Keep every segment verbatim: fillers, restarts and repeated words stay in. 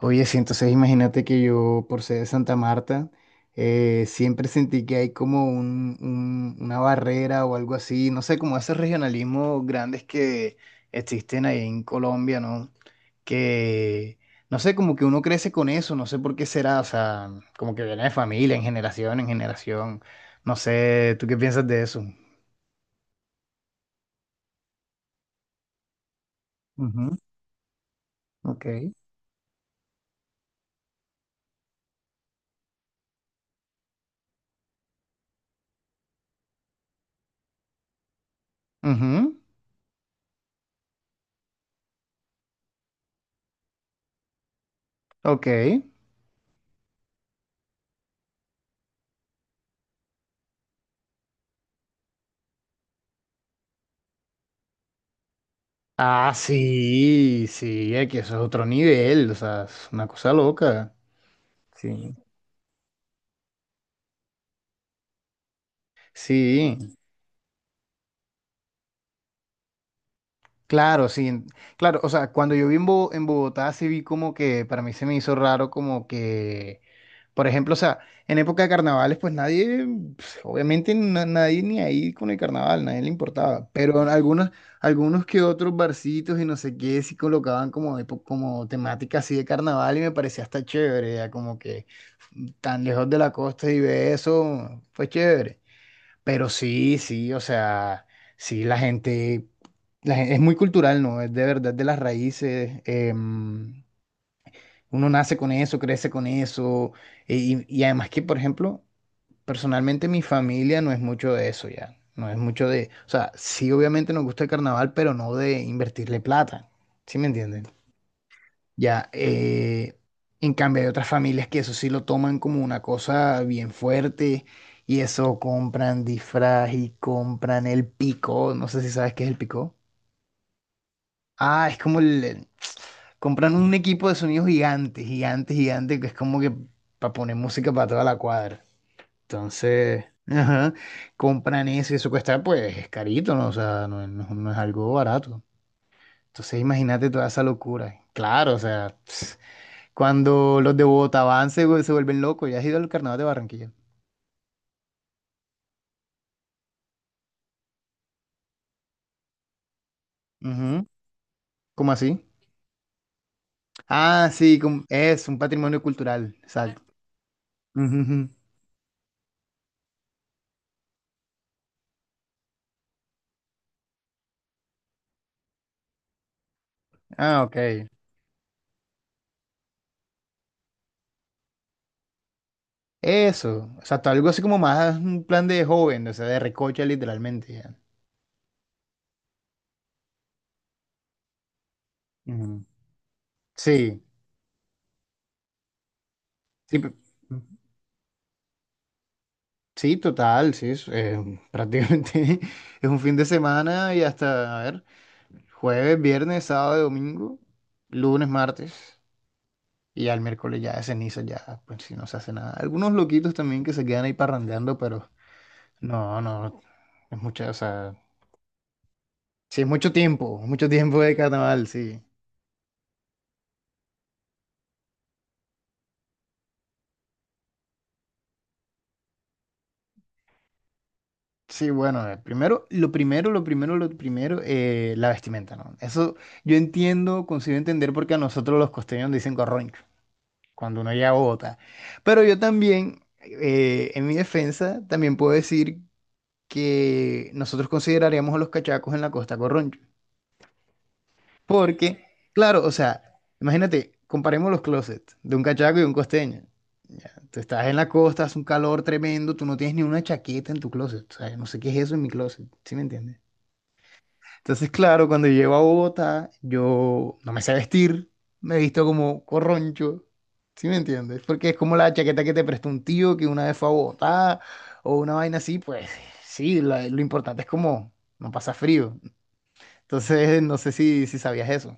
Oye, sí, entonces imagínate que yo, por ser de Santa Marta, eh, siempre sentí que hay como un- un- una barrera o algo así, no sé, como esos regionalismos grandes que existen ahí en Colombia, ¿no? Que, no sé, como que uno crece con eso, no sé por qué será, o sea, como que viene de familia, en generación, en generación, no sé, ¿tú qué piensas de eso? Ujú. Ok. Ujú, ok. Ah, sí, sí, es que eso es otro nivel, o sea, es una cosa loca. Sí. Sí. Claro, sí, en- claro, o sea, cuando yo vi en, Bo- en Bogotá sí vi como que para mí se me hizo raro como que, por ejemplo, o sea, en época de carnavales pues nadie, pues, obviamente na- nadie ni ahí con el carnaval, nadie le importaba, pero en algunos, algunos que otros barcitos y no sé qué sí colocaban como, epo- como temática así de carnaval y me parecía hasta chévere, ya como que mm, tan lejos de la costa y ver eso fue chévere. Pero sí, sí, o sea, sí, la gente, la gen- es muy cultural, ¿no? Es de verdad de las raíces. Em, uno nace con eso, crece con eso. e- Y, y además que, por ejemplo, personalmente mi familia no es mucho de eso ya. No es mucho de, o sea, sí, obviamente nos gusta el carnaval, pero no de invertirle plata. ¿Sí me entienden? Ya, eh, en cambio hay otras familias que eso sí lo toman como una cosa bien fuerte y eso compran disfraz y compran el picó, no sé si sabes qué es el picó. Ah, es como el... el- Compran un equipo de sonido gigante, gigante, gigante, que es como que para poner música para toda la cuadra. Entonces, ajá, compran eso y eso cuesta pues es carito, ¿no? O sea, no, no no es algo barato. Entonces imagínate toda esa locura. Claro, o sea... Cuando los de Bogotá van, se, vu- se vuelven locos. ¿Ya has ido al carnaval de Barranquilla? Ujú. ¿Cómo así? Ah, sí, com- es un patrimonio cultural, exacto. Ujú, ujú. Ah, ok. Eso, exacto, algo así como más un plan de joven, o sea, de recocha literalmente. Ya. Ujú. Sí, sí, pe- sí, total, sí, es, eh, prácticamente es un fin de semana y hasta, a ver, jueves, viernes, sábado, domingo, lunes, martes. Y ya el miércoles ya de ceniza, ya, pues si no se hace nada. Algunos loquitos también que se quedan ahí parrandeando, pero no, no, es mucho, o sea, sí, es mucho tiempo, mucho tiempo de carnaval, sí. Sí, bueno, eh, primero, lo primero, lo primero, lo primero, eh, la vestimenta, ¿no? Eso yo entiendo, consigo entender porque a nosotros los costeños dicen corroncho cuando uno llega a Bogotá. Pero yo también, eh, en mi defensa, también puedo decir que nosotros consideraríamos a los cachacos en la costa corroncho. Porque, claro, o sea, imagínate, comparemos los closets de un cachaco y un costeño. Ya, tú estás en la costa, hace un calor tremendo, tú no tienes ni una chaqueta en tu closet. O sea, yo no sé qué es eso en mi closet, ¿sí me entiendes? Entonces, claro, cuando llego a Bogotá, yo no me sé vestir, me visto como corroncho, ¿sí me entiendes? Porque es como la chaqueta que te prestó un tío que una vez fue a Bogotá o una vaina así, pues sí, la- lo importante es como no pasa frío. Entonces, no sé si, si sabías eso.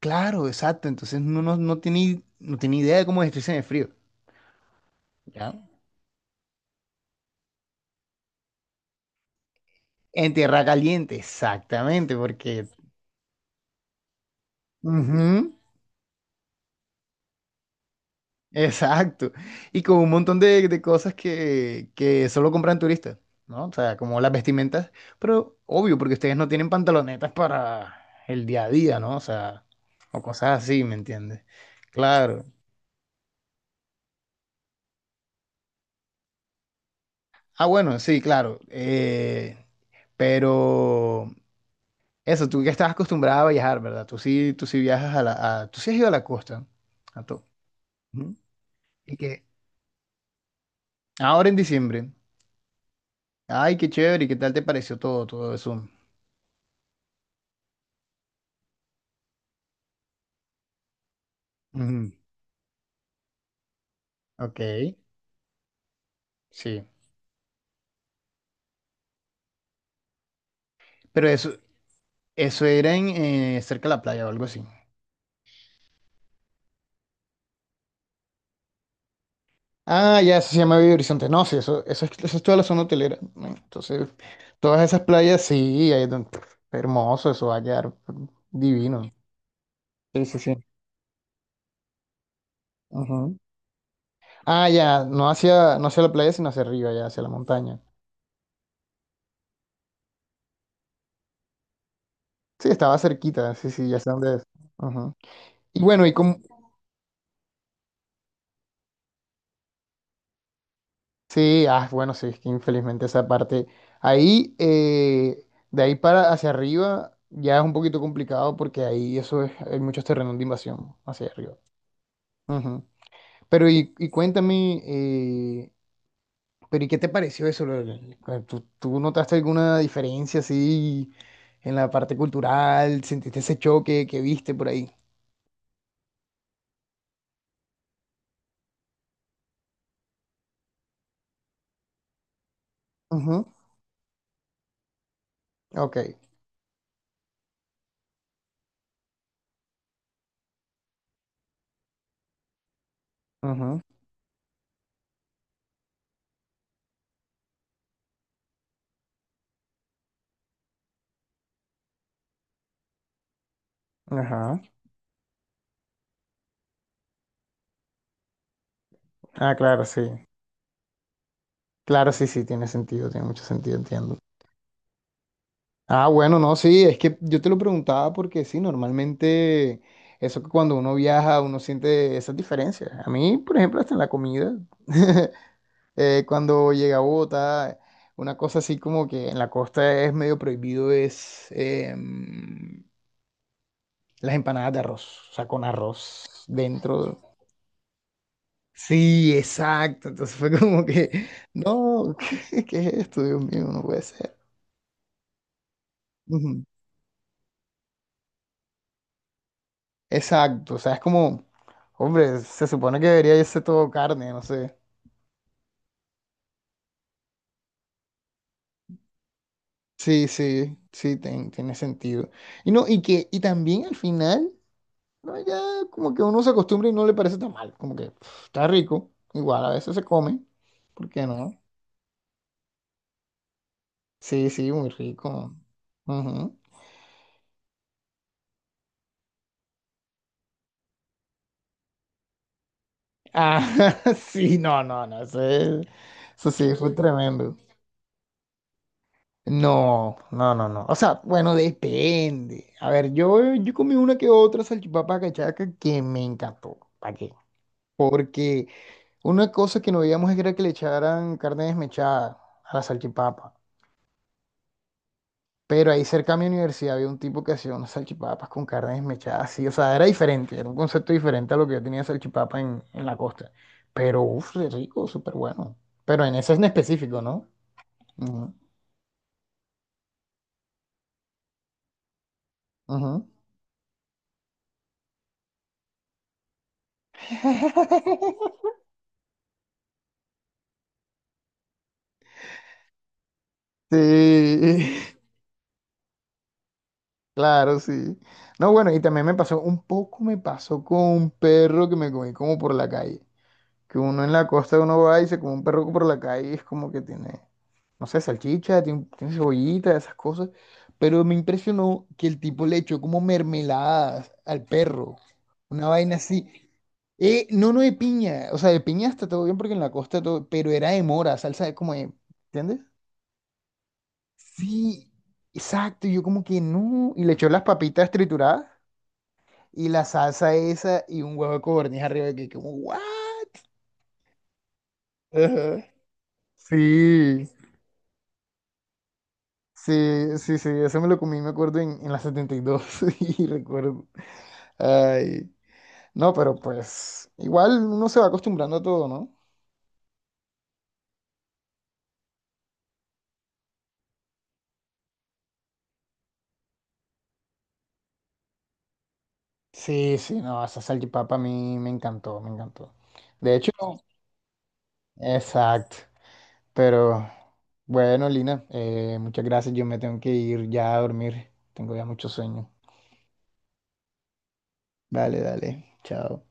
Claro, exacto. Entonces no, no, no tiene, no tiene idea de cómo vestirse en el frío. ¿Ya? En tierra caliente, exactamente, porque... Ujú, exacto. Y con un montón de, de cosas que, que solo compran turistas, ¿no? O sea, como las vestimentas, pero obvio, porque ustedes no tienen pantalonetas para el día a día, ¿no? O sea, o cosas así, ¿me entiendes? Claro. Ah, bueno, sí, claro. Eh, pero... Eso, tú que estás acostumbrada a viajar, ¿verdad? Tú sí, tú sí viajas a la... a- tú sí has ido a la costa, a todo. Ujú. Y que ahora en diciembre. Ay, qué chévere, ¿y qué tal te pareció todo, todo eso? Ujú. Ok, sí. Pero eso, eso era en, eh, cerca de la playa o algo así. Ah, ya, eso se llama Belo Horizonte. No, sí, eso, eso, es, eso es toda la zona hotelera. ¿No? Entonces, todas esas playas, sí, ahí es donde- hermoso, eso va a quedar divino. Sí, sí, sí. Ah, ya, no hacia, no hacia la playa, sino hacia arriba, ya, hacia la montaña. Sí, estaba cerquita, sí, sí, ya sé dónde es. Ujú. Y bueno, y como, sí, ah, bueno, sí, es que infelizmente esa parte. Ahí, eh, de ahí para hacia arriba, ya es un poquito complicado porque ahí eso es, hay muchos terrenos de invasión hacia arriba. Ujú. Pero y, y cuéntame, eh, pero ¿y qué te pareció eso? lo- lo- lo- ¿Tú, tú notaste alguna diferencia así en la parte cultural? ¿Sentiste ese choque que viste por ahí? Ok. Ujú. Ajá. Ah, claro, sí. Claro, sí, sí, tiene sentido, tiene mucho sentido, entiendo. Ah, bueno, no, sí, es que yo te lo preguntaba porque sí, normalmente eso que cuando uno viaja uno siente esas diferencias. A mí, por ejemplo, hasta en la comida, eh, cuando llega a Bogotá, una cosa así como que en la costa es medio prohibido es em, las empanadas de arroz, o sea, con arroz dentro. Sí, exacto. Entonces fue como que, no, ¿qué, qué es esto? Dios mío, no puede ser. Ujú. Exacto, o sea, es como, hombre, se supone que debería irse todo carne, no sé. Sí, sí, sí, ten- tiene sentido. Y no, y que, y también al final, no, ya como que uno se acostumbra y no le parece tan mal, como que pf, está rico, igual a veces se come, ¿por qué no? Sí, sí, muy rico. Ujú. Ah, sí, no, no, no, eso, es- eso sí fue tremendo. No, no, no, no. O sea, bueno, depende. A ver, yo, yo comí una que otra salchipapa cachaca que me encantó. ¿Para qué? Porque una cosa que no veíamos era que le echaran carne desmechada a la salchipapa. Pero ahí cerca a mi universidad había un tipo que hacía unas salchipapas con carne desmechada, sí. O sea, era diferente, era un concepto diferente a lo que yo tenía de salchipapa en, en la costa. Pero, uff, de rico, súper bueno. Pero en ese en específico, ¿no? Ujú, ujú. Sí. Claro, sí. No, bueno, y también me pasó, un poco me pasó con un perro que me comí como por la calle. Que uno en la costa uno va y se come un perro por la calle y es como que tiene, no sé, salchicha, tiene, tiene cebollita, esas cosas. Pero me impresionó que el tipo le echó como mermeladas al perro. Una vaina así. Eh, no, no de piña. O sea, de piña está todo bien porque en la costa todo, pero era de mora, salsa de como de, ¿entiendes? Sí, exacto. Y yo como que no. Y le echó las papitas trituradas y la salsa esa y un huevo de codorniz arriba que como, ¿what? Ajá. Sí, sí, sí, sí, eso me lo comí, me acuerdo, en, en la setenta y dos y dos y recuerdo. Ay, no, pero pues igual uno se va acostumbrando a todo, ¿no? Sí, sí, no, esa salchipapa a mí me encantó, me encantó. De hecho, exacto, pero bueno, Lina, eh, muchas gracias, yo me tengo que ir ya a dormir, tengo ya mucho sueño. Vale, dale, chao.